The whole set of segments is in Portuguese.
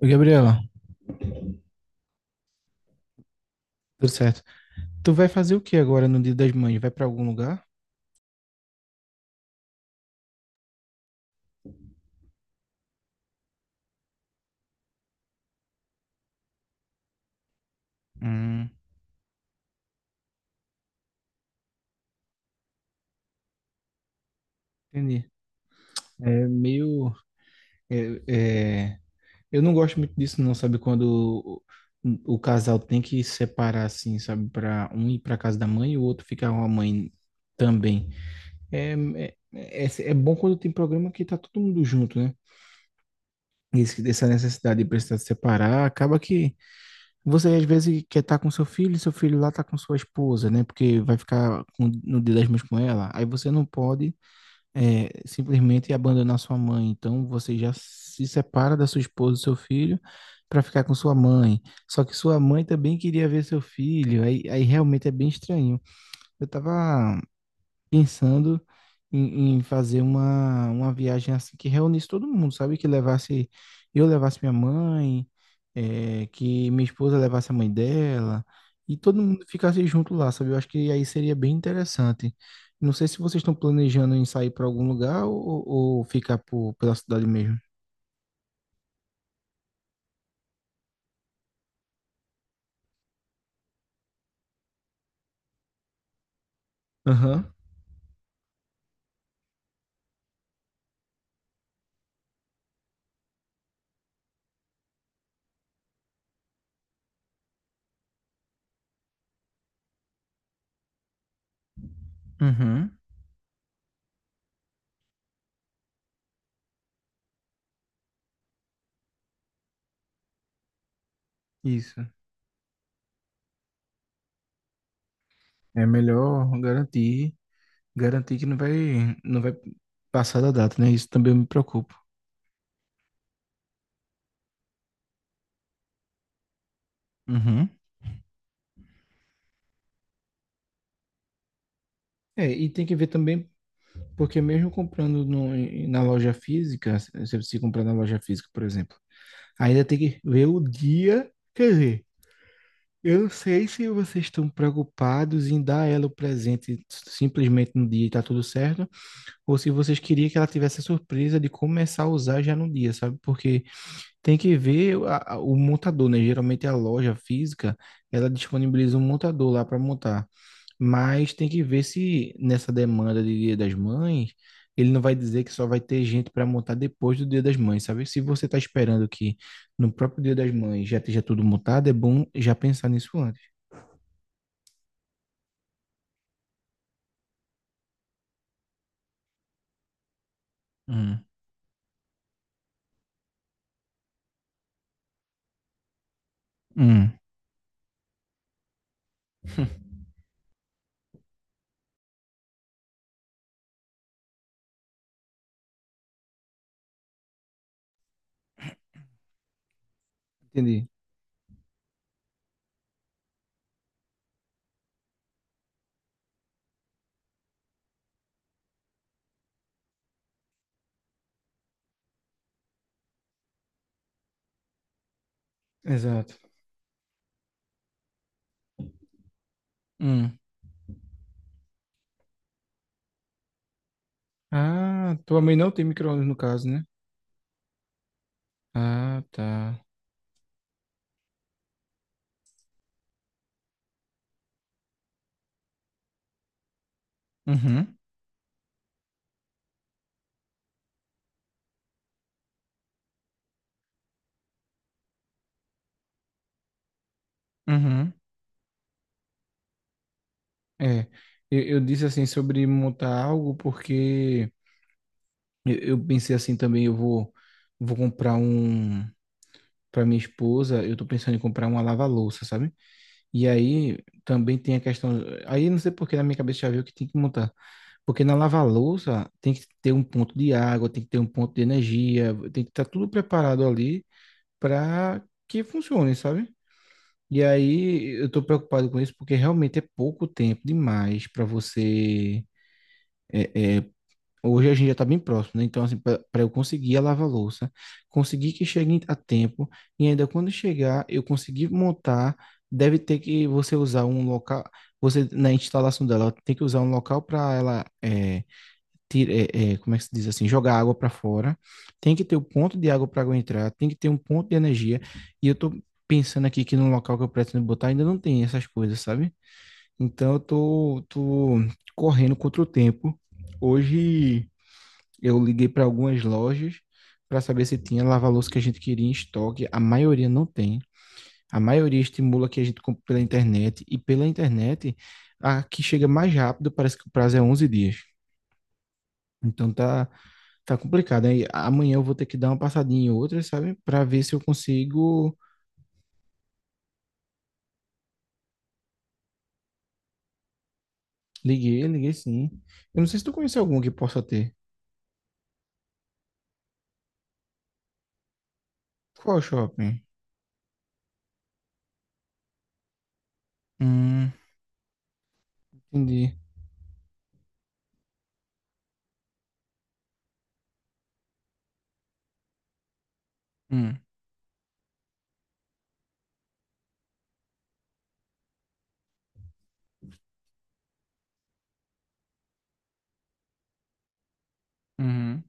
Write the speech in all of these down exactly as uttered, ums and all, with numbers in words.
Ô, Gabriela, tudo certo. Tu vai fazer o que agora no Dia das Mães? Vai pra algum lugar? Hum, entendi. É meio. é- é- Eu não gosto muito disso, não, sabe? Quando o, o casal tem que separar, assim, sabe? Pra um ir pra casa da mãe e o outro ficar com a mãe também. É, é, é, é bom quando tem programa que tá todo mundo junto, né? Esse- Essa necessidade de precisar separar acaba que. Você às vezes quer estar com seu filho, e seu filho lá tá com sua esposa, né? Porque vai ficar com- no dia das mães com ela. Aí você não pode é, simplesmente abandonar sua mãe. Então você já se separa da sua esposa, do seu filho, para ficar com sua mãe. Só que sua mãe também queria ver seu filho. Aí, aí realmente é bem estranho. Eu tava pensando em, em fazer uma, uma viagem assim que reunisse todo mundo, sabe? Que levasse, eu levasse minha mãe, eh, que minha esposa levasse a mãe dela, e todo mundo ficasse junto lá, sabe? Eu acho que aí seria bem interessante. Não sei se vocês estão planejando em sair para algum lugar ou, ou ficar por, pela cidade mesmo. Aham, uhum, isso. É melhor garantir, garantir que não vai, não vai passar da data, né? Isso também eu me preocupo. Uhum. É, e tem que ver também. Porque mesmo comprando no- em- na loja física, se você comprar na loja física, por exemplo, ainda tem que ver o dia. Quer dizer, eu não sei se vocês estão preocupados em dar ela o presente simplesmente no dia e tá tudo certo, ou se vocês queriam que ela tivesse a surpresa de começar a usar já no dia, sabe? Porque tem que ver a- a- o montador, né? Geralmente a loja física, ela disponibiliza um montador lá para montar. Mas tem que ver se nessa demanda de Dia das Mães, ele não vai dizer que só vai ter gente para montar depois do Dia das Mães, sabe? Se você está esperando que no próprio Dia das Mães já esteja tudo montado, é bom já pensar nisso antes. Hum. Hum. Entendi. Exato. Hum. Ah, tua mãe não tem micro-ondas no caso, né? Ah, tá. Uhum. Uhum. É, eu, eu disse assim sobre montar algo porque eu, eu pensei assim também, eu vou vou comprar um para minha esposa, eu tô pensando em comprar uma lava-louça, sabe? E aí também tem a questão, aí não sei por que na minha cabeça já veio que tem que montar, porque na lava-louça tem que ter um ponto de água, tem que ter um ponto de energia, tem que estar tudo preparado ali para que funcione, sabe? E aí eu tô preocupado com isso porque realmente é pouco tempo demais para você é, hoje a gente já está bem próximo, né? Então, assim, para eu conseguir a lava-louça, conseguir que chegue a tempo, e ainda quando chegar, eu conseguir montar, deve ter que você usar um local, você na instalação dela, tem que usar um local para ela, é, tira, é, é, como é que se diz assim, jogar água para fora, tem que ter o ponto de água para água entrar, tem que ter um ponto de energia, e eu tô pensando aqui que no local que eu pretendo botar ainda não tem essas coisas, sabe? Então, eu tô, tô correndo contra o tempo. Hoje. Eu liguei para algumas lojas para saber se tinha lava-louça que a gente queria em estoque. A maioria não tem. A maioria estimula que a gente compre pela internet. E pela internet, a que chega mais rápido, parece que o prazo é onze dias. Então tá, tá complicado. Aí amanhã eu vou ter que dar uma passadinha em outras, sabe? Para ver se eu consigo. Liguei, liguei sim. Eu não sei se tu conhece algum que possa ter. Qual shopping? Hum, entendi. Hum, uhum,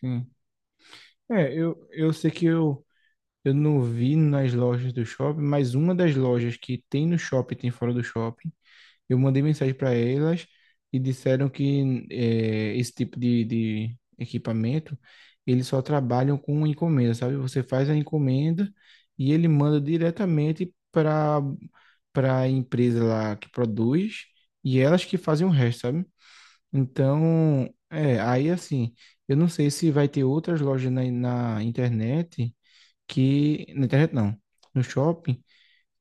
sim. É, eu, eu sei que eu Eu não vi nas lojas do shopping, mas uma das lojas que tem no shopping, tem fora do shopping. Eu mandei mensagem para elas e disseram que eh, esse tipo de, de equipamento, eles só trabalham com encomenda, sabe? Você faz a encomenda e ele manda diretamente para para a empresa lá que produz e elas que fazem o resto, sabe? Então, é, aí assim, eu não sei se vai ter outras lojas na na internet que na internet não, no shopping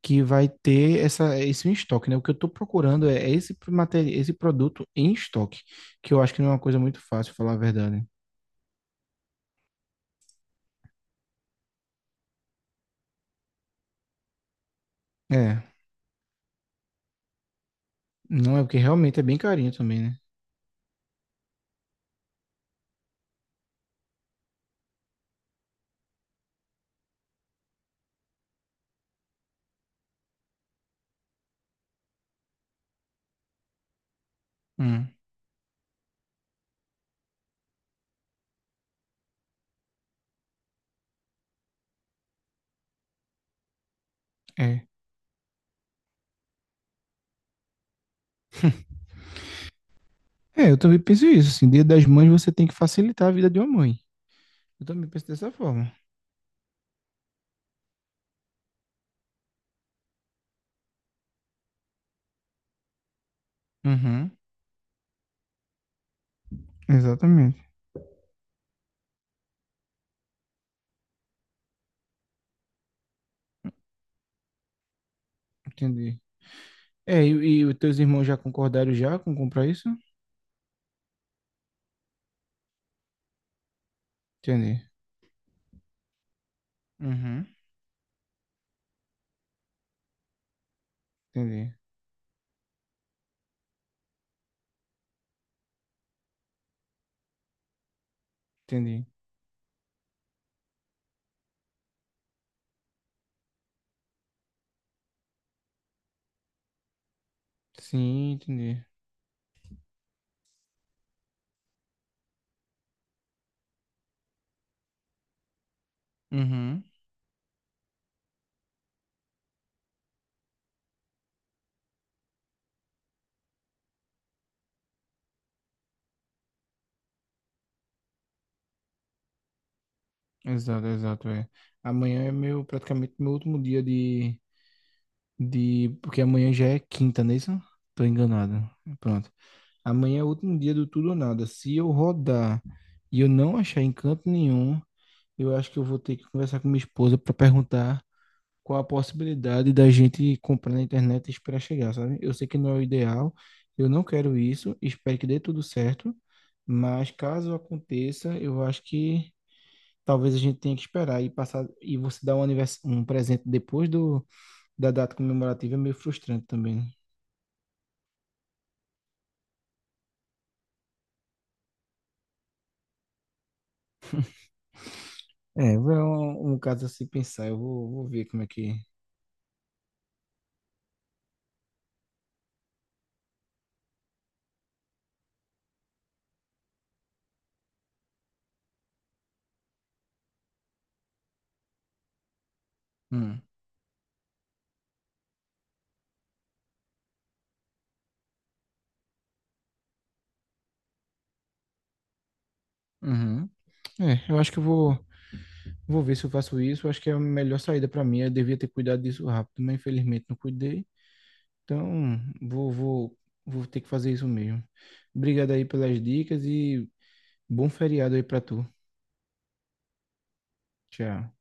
que vai ter essa esse em estoque, né? O que eu estou procurando é é esse material, esse produto em estoque, que eu acho que não é uma coisa muito fácil, falar a verdade. É, não é porque realmente é bem carinho também, né? Hum, é. É, eu também penso isso, assim, Dia das Mães você tem que facilitar a vida de uma mãe. Eu também penso dessa forma. Uhum, exatamente. Entendi. É, e, e os teus irmãos já concordaram já com comprar isso? Entendi. Uhum, entendi, entendi. Sim, entendi. Uhum, exato, exato, é. Amanhã é meu, praticamente meu último dia de, de, porque amanhã já é quinta, não é isso? Tô enganado. Pronto. Amanhã é o último dia do tudo ou nada. Se eu rodar e eu não achar encanto nenhum, eu acho que eu vou ter que conversar com minha esposa para perguntar qual a possibilidade da gente comprar na internet e esperar chegar, sabe? Eu sei que não é o ideal, eu não quero isso, espero que dê tudo certo, mas caso aconteça, eu acho que talvez a gente tenha que esperar e passar e você dar um, anivers- um presente depois do, da data comemorativa é meio frustrante também, né? É, é um, um caso a se pensar. Eu vou, vou ver como é que. Hum, uhum. É, eu acho que eu vou, vou ver se eu faço isso. Eu acho que é a melhor saída para mim. Eu devia ter cuidado disso rápido, mas infelizmente não cuidei. Então, vou, vou, vou ter que fazer isso mesmo. Obrigado aí pelas dicas e bom feriado aí para tu. Tchau.